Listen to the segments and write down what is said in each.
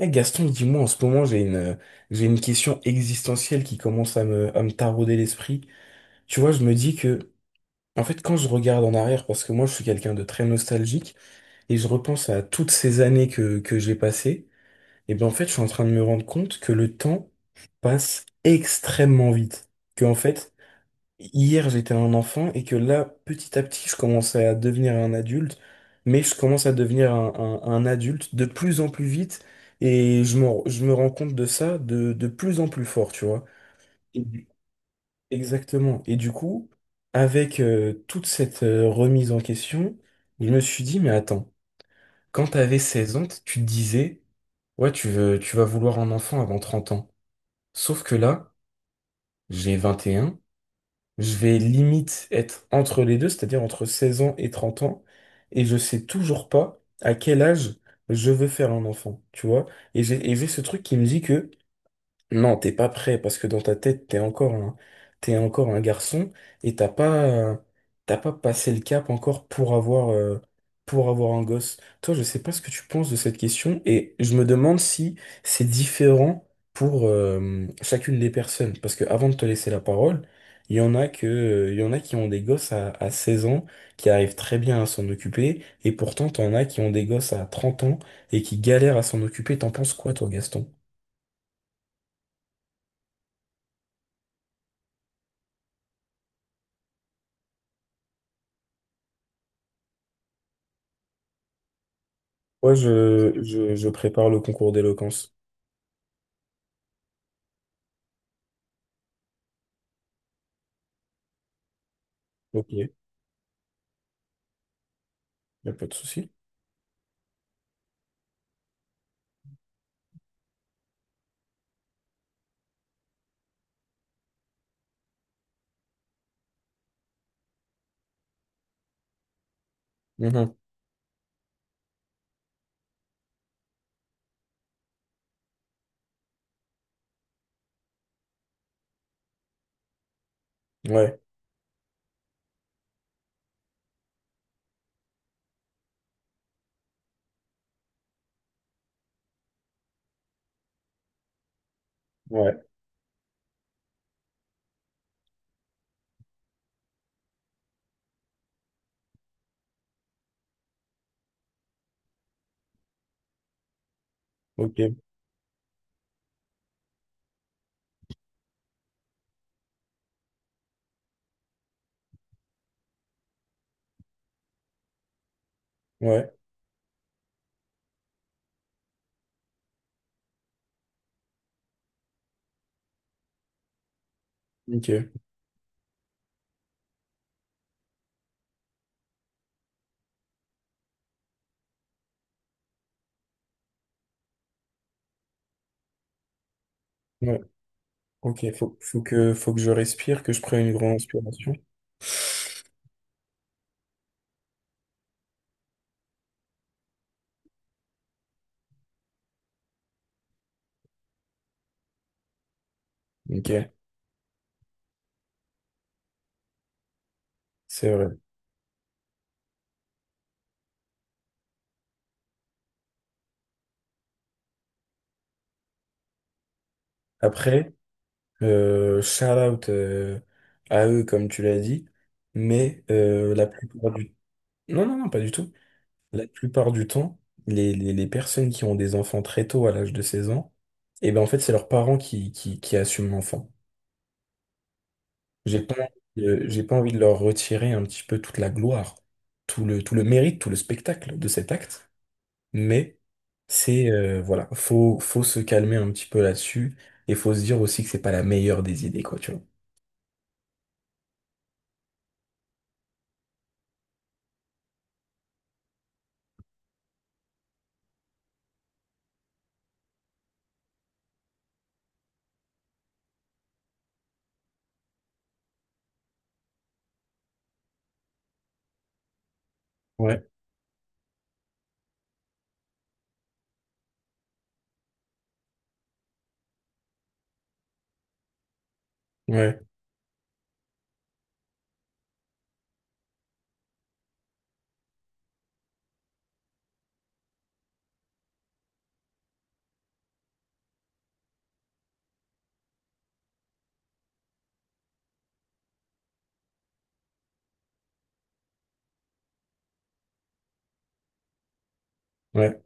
Eh Gaston, dis-moi, en ce moment, j'ai une question existentielle qui commence à me tarauder l'esprit. Tu vois, je me dis que, en fait, quand je regarde en arrière, parce que moi, je suis quelqu'un de très nostalgique, et je repense à toutes ces années que j'ai passées, et bien, en fait, je suis en train de me rendre compte que le temps passe extrêmement vite. Que, en fait, hier, j'étais un enfant et que là, petit à petit, je commençais à devenir un adulte, mais je commence à devenir un adulte de plus en plus vite et je me rends compte de ça de plus en plus fort, tu vois. Et du- Exactement. Et du coup, avec toute cette remise en question, je me suis dit, mais attends, quand t'avais 16 ans, tu te disais, ouais, tu vas vouloir un enfant avant 30 ans. Sauf que là, j'ai 21. Je vais limite être entre les deux, c'est-à-dire entre 16 ans et 30 ans, et je sais toujours pas à quel âge je veux faire un enfant, tu vois. Et j'ai ce truc qui me dit que non, t'es pas prêt parce que dans ta tête, t'es encore un garçon et t'as pas passé le cap encore pour avoir un gosse. Toi, je sais pas ce que tu penses de cette question et je me demande si c'est différent pour chacune des personnes. Parce que avant de te laisser la parole, il y en a qui ont des gosses à 16 ans, qui arrivent très bien à s'en occuper et pourtant, t'en as qui ont des gosses à 30 ans et qui galèrent à s'en occuper. T'en penses quoi, toi, Gaston? Ouais, je prépare le concours d'éloquence. Ok, y a pas de souci. Mhm. Ouais, ouais, ok, ouais, ok, ouais, ok. Faut que je respire, que je prenne une grande inspiration. Ok, c'est vrai. Après, shout out à eux, comme tu l'as dit, mais la plupart du... Non, non, non, pas du tout. La plupart du temps, les personnes qui ont des enfants très tôt, à l'âge de 16 ans, et ben en fait, c'est leurs parents qui assument l'enfant. J'ai pas, j'ai pas envie de leur retirer un petit peu toute la gloire, tout le mérite, tout le spectacle de cet acte, mais voilà, faut se calmer un petit peu là-dessus et faut se dire aussi que c'est pas la meilleure des idées, quoi, tu vois. Ouais, ouais, ouais.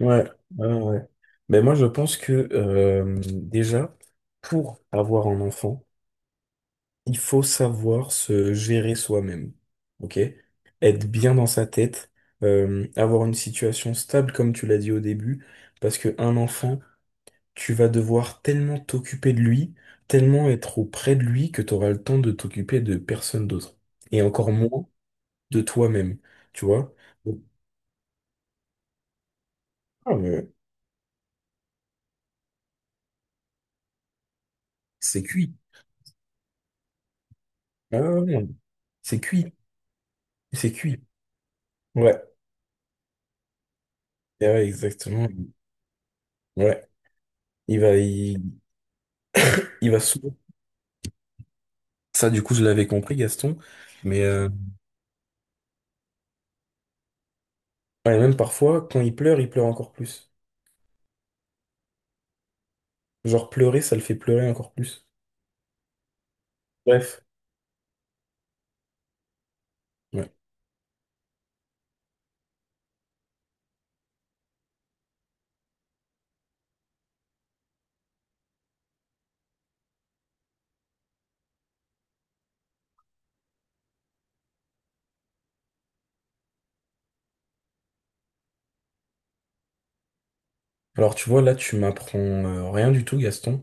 Ouais, ouais, ouais. Mais moi, je pense que déjà, pour avoir un enfant, il faut savoir se gérer soi-même. OK? Être bien dans sa tête, avoir une situation stable, comme tu l'as dit au début, parce que un enfant, tu vas devoir tellement t'occuper de lui, tellement être auprès de lui que tu auras le temps de t'occuper de personne d'autre. Et encore moins de toi-même. Tu vois? Donc, ah, mais c'est cuit. Ah, ouais, ouais. Ouais. C'est cuit. C'est cuit. Ouais, eh ouais, exactement. Ouais, il va, il, il va souvent. Ça, du coup, je l'avais compris, Gaston. Mais ouais, même parfois, quand il pleure encore plus. Genre, pleurer, ça le fait pleurer encore plus. Bref. Ouais. Alors, tu vois, là, tu m'apprends rien du tout, Gaston.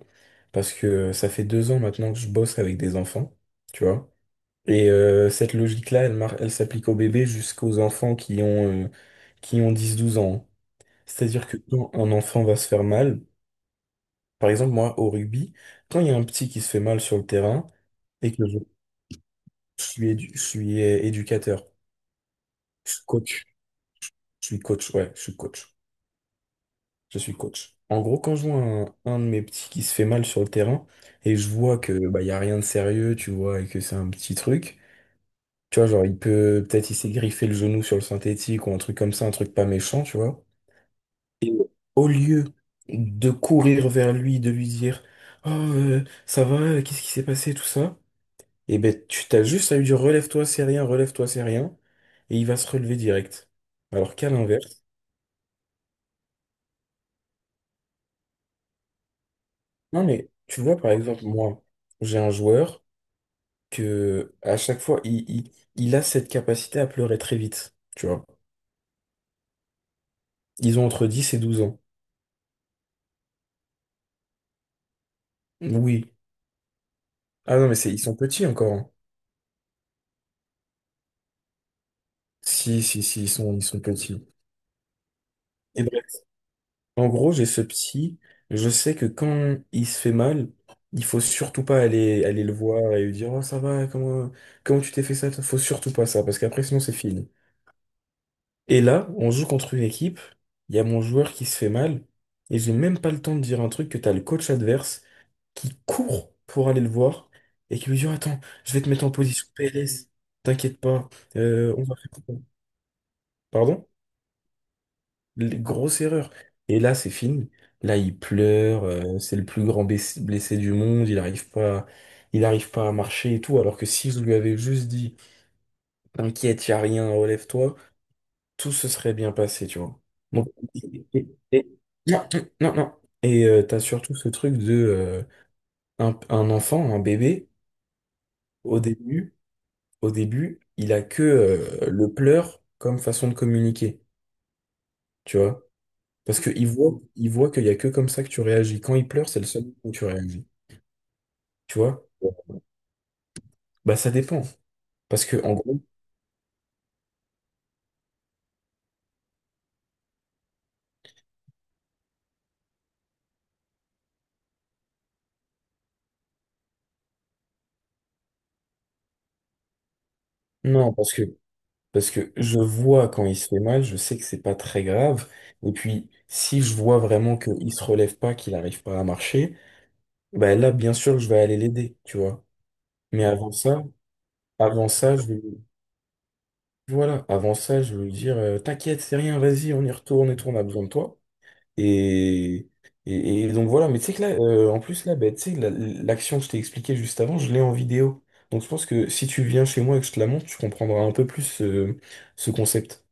Parce que ça fait 2 ans maintenant que je bosse avec des enfants. Tu vois. Et cette logique-là, elle s'applique aux bébés jusqu'aux enfants qui ont 10, 12 ans, hein. C'est-à-dire que quand un enfant va se faire mal. Par exemple, moi, au rugby, quand il y a un petit qui se fait mal sur le terrain et que je suis, édu- je suis éducateur, je suis coach, ouais, je suis coach. En gros, quand je vois un de mes petits qui se fait mal sur le terrain et je vois que bah, il y a rien de sérieux, tu vois, et que c'est un petit truc, tu vois, genre il peut peut-être il s'est griffé le genou sur le synthétique ou un truc comme ça, un truc pas méchant, tu vois. Et au lieu de courir vers lui, de lui dire, oh, ça va, qu'est-ce qui s'est passé, tout ça. Et ben, tu t'as juste à lui dire: relève-toi, c'est rien, et il va se relever direct. Alors qu'à l'inverse, non mais tu vois par exemple, moi, j'ai un joueur que à chaque fois il a cette capacité à pleurer très vite, tu vois. Ils ont entre 10 et 12 ans. Oui. Ah non, mais c'est ils sont petits encore, hein. Si, si, si, ils sont petits. Et bref. En gros, j'ai ce psy. Je sais que quand il se fait mal, il faut surtout pas aller le voir et lui dire: Oh, ça va, comment tu t'es fait ça? Toi, faut surtout pas ça, parce qu'après, sinon, c'est fini. Et là, on joue contre une équipe. Il y a mon joueur qui se fait mal. Et j'ai même pas le temps de dire un truc que t'as le coach adverse qui court pour aller le voir et qui lui dit: Oh, attends, je vais te mettre en position PLS. T'inquiète pas, on va faire ça. Pardon? Grosse erreur. Et là, c'est fini. Là, il pleure, c'est le plus grand blessé du monde, il arrive pas à marcher et tout, alors que si je lui avais juste dit: t'inquiète, y a rien, relève-toi, tout se serait bien passé, tu vois. Donc, et- et- et- non, non, non. Et t'as surtout ce truc de un enfant, un bébé, au début, au début, il a que le pleur comme façon de communiquer, tu vois. Parce qu'ils voient qu'il y a que comme ça que tu réagis. Quand il pleure, c'est le seul moment où tu réagis. Tu vois? Ouais. Bah ça dépend. Parce que en gros, Non, parce que je vois quand il se fait mal, je sais que c'est pas très grave. Et puis si je vois vraiment qu'il se relève pas, qu'il n'arrive pas à marcher, bah là bien sûr je vais aller l'aider, tu vois. Mais avant ça, je vais voilà, avant ça, je vais lui dire t'inquiète, c'est rien, vas-y, on y retourne et tout, on a besoin de toi. Et, et donc voilà, mais tu sais que là, en plus là, bah, tu sais, l'action que je t'ai expliquée juste avant, je l'ai en vidéo. Donc je pense que si tu viens chez moi et que je te la montre, tu comprendras un peu plus ce concept.